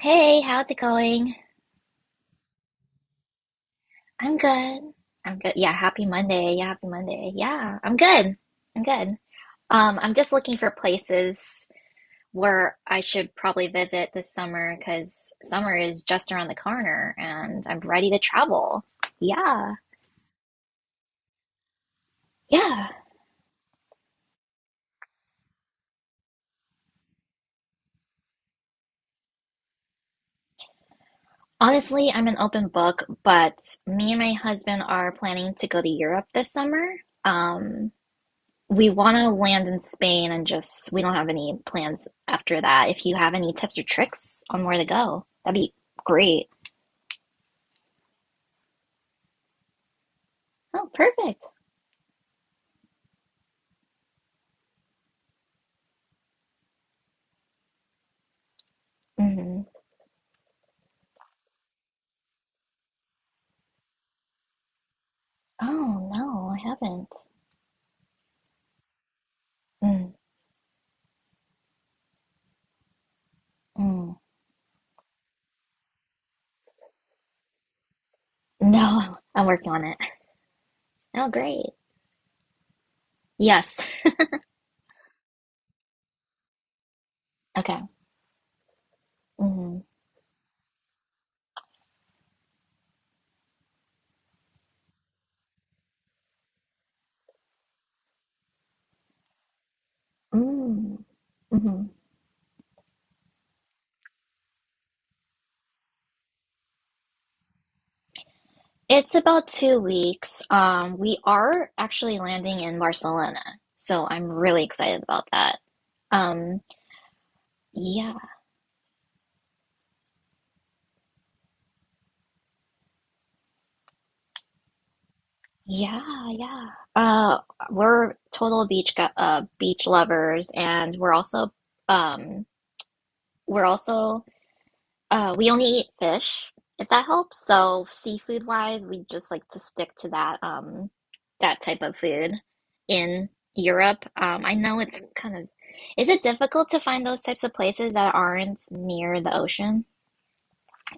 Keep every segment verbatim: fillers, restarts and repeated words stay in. Hey, how's it going? I'm good. I'm good. Yeah, happy Monday. Yeah, happy Monday. Yeah, I'm good. I'm good. Um, I'm just looking for places where I should probably visit this summer because summer is just around the corner and I'm ready to travel. Yeah. Yeah. Honestly, I'm an open book, but me and my husband are planning to go to Europe this summer. Um, We want to land in Spain and just, we don't have any plans after that. If you have any tips or tricks on where to go, that'd be great. Oh, perfect. Hmm. Oh, no, I haven't. Mm. Mm. No, I'm working on it. Oh, great. Yes. Okay. Mm. Mm. Hmm. It's about two weeks. Um, we are actually landing in Barcelona, so I'm really excited about that. Um, yeah. Yeah, yeah. Uh, we're total beach go uh beach lovers, and we're also um we're also uh we only eat fish, if that helps. So seafood wise, we just like to stick to that um that type of food in Europe. Um, I know it's kind of is it difficult to find those types of places that aren't near the ocean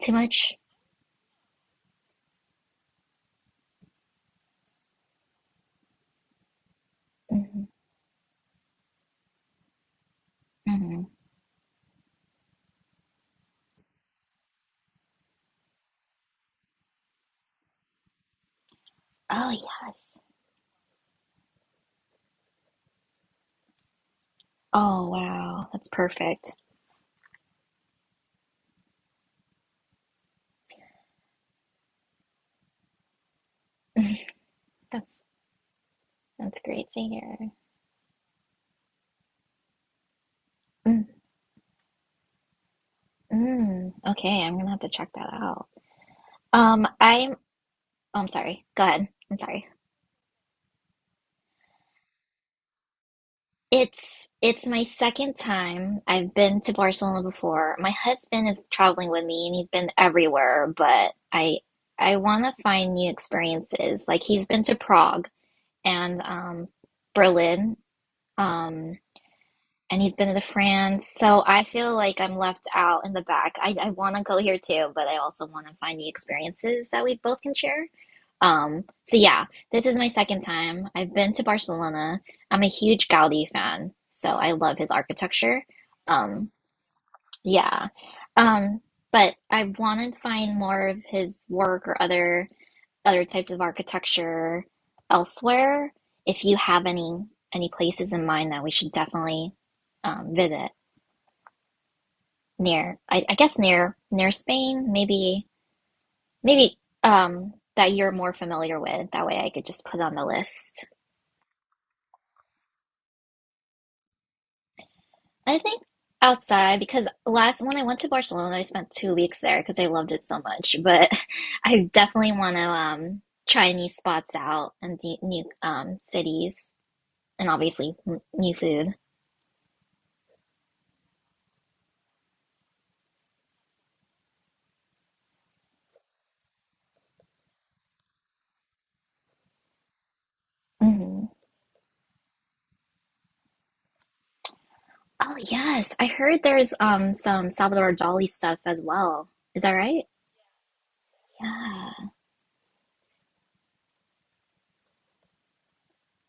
too much? Hmm. Hmm. Oh yes. Oh wow, that's perfect. That's That's great to hear. Mm. Mm. Okay, I'm gonna have to check that out. Um, I'm oh, I'm sorry. Go ahead. I'm sorry. It's it's my second time. I've been to Barcelona before. My husband is traveling with me and he's been everywhere, but I I want to find new experiences. Like he's been to Prague and um Berlin. Um and he's been to France. So I feel like I'm left out in the back. I, I want to go here too, but I also want to find the experiences that we both can share. Um, so yeah, this is my second time. I've been to Barcelona. I'm a huge Gaudi fan, so I love his architecture. Um, yeah. Um, but I want to find more of his work or other other types of architecture elsewhere. If you have any any places in mind that we should definitely um, visit near I, I guess near near Spain, maybe maybe um that you're more familiar with. That way I could just put on the list. I think outside because last when I went to Barcelona, I spent two weeks there because I loved it so much. But I definitely want to um try new spots out and de- new um cities and obviously m- new food. Hmm. Oh yes, I heard there's um some Salvador Dali stuff as well. Is that right? Yeah.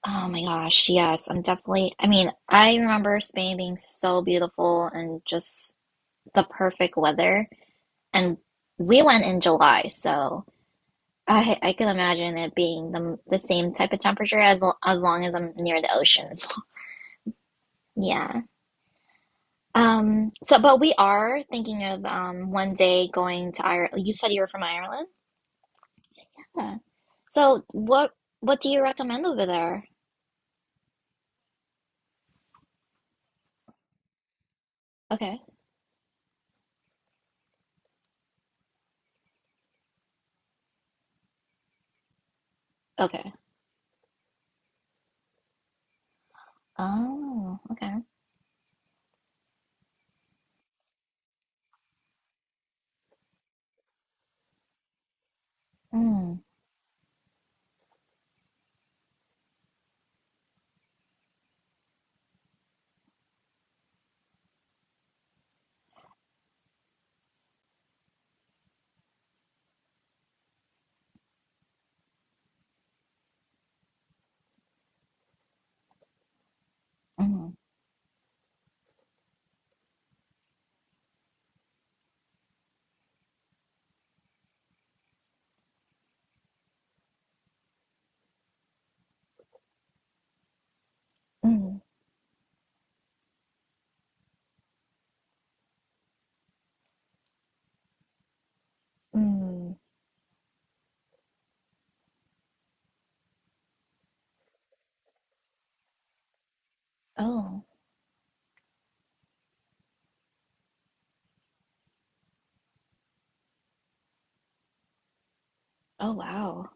Oh my gosh, yes, I'm definitely. I mean, I remember Spain being so beautiful and just the perfect weather. And we went in July, so I I can imagine it being the the same type of temperature as l- as long as I'm near the ocean as well. Yeah. Um. So, but we are thinking of um one day going to Ireland. You said you were from Ireland. Yeah. So what what do you recommend over there? Okay. Okay. Oh. Okay. Mm, mm, mm. Mm. Oh, oh wow.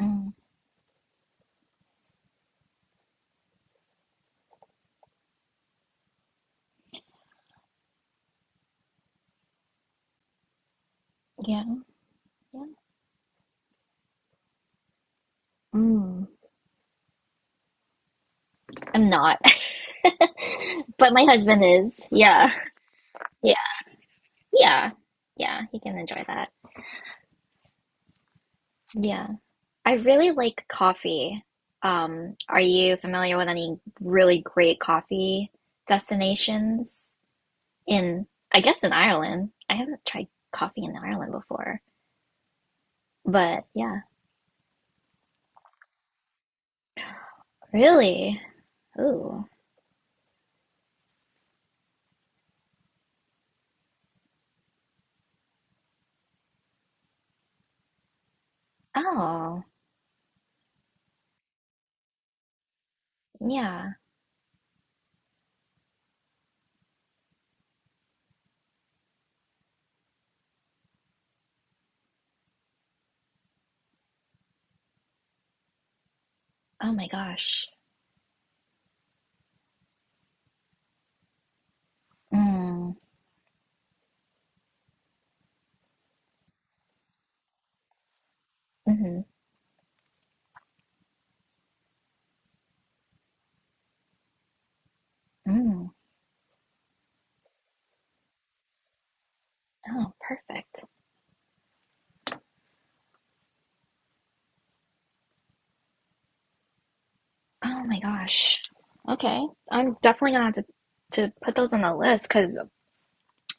Mm. Yeah, yeah. Mm. I'm not. But my husband is. Yeah. Yeah. Yeah. Yeah, he can enjoy that. Yeah. I really like coffee. Um, are you familiar with any really great coffee destinations in, I guess in Ireland? I haven't tried coffee in Ireland before. But yeah, really? Ooh. Oh, yeah. Oh my gosh. Mm, mm, mm. Oh, perfect. Oh my gosh. Okay. I'm definitely gonna have to to put those on the list because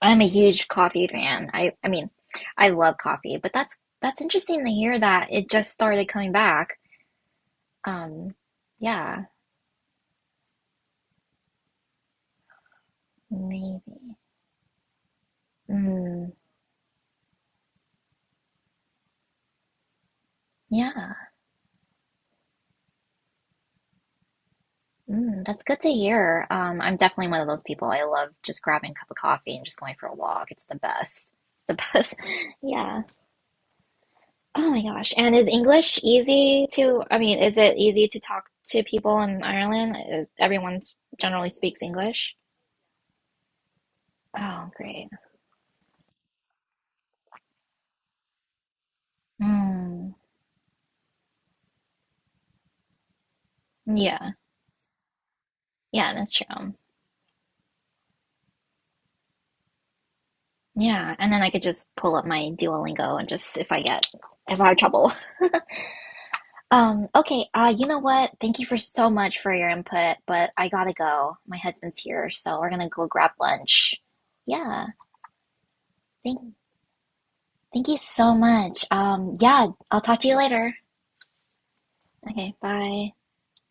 I'm a huge coffee fan. I I mean, I love coffee, but that's that's interesting to hear that it just started coming back. Um, yeah, maybe. Mm, yeah. Mm, that's good to hear. Um, I'm definitely one of those people. I love just grabbing a cup of coffee and just going for a walk. It's the best. It's the best. Yeah. Oh my gosh. And is English easy to, I mean, is it easy to talk to people in Ireland? Uh, Everyone s- generally speaks English. Oh, great. Mm, yeah. Yeah, that's true. Yeah. And then I could just pull up my Duolingo and just if I get, if I have trouble. Um, okay. Uh, you know what? Thank you for so much for your input, but I gotta go. My husband's here, so we're gonna go grab lunch. Yeah. Thank, thank you so much. Um, yeah, I'll talk to you later. Okay, bye.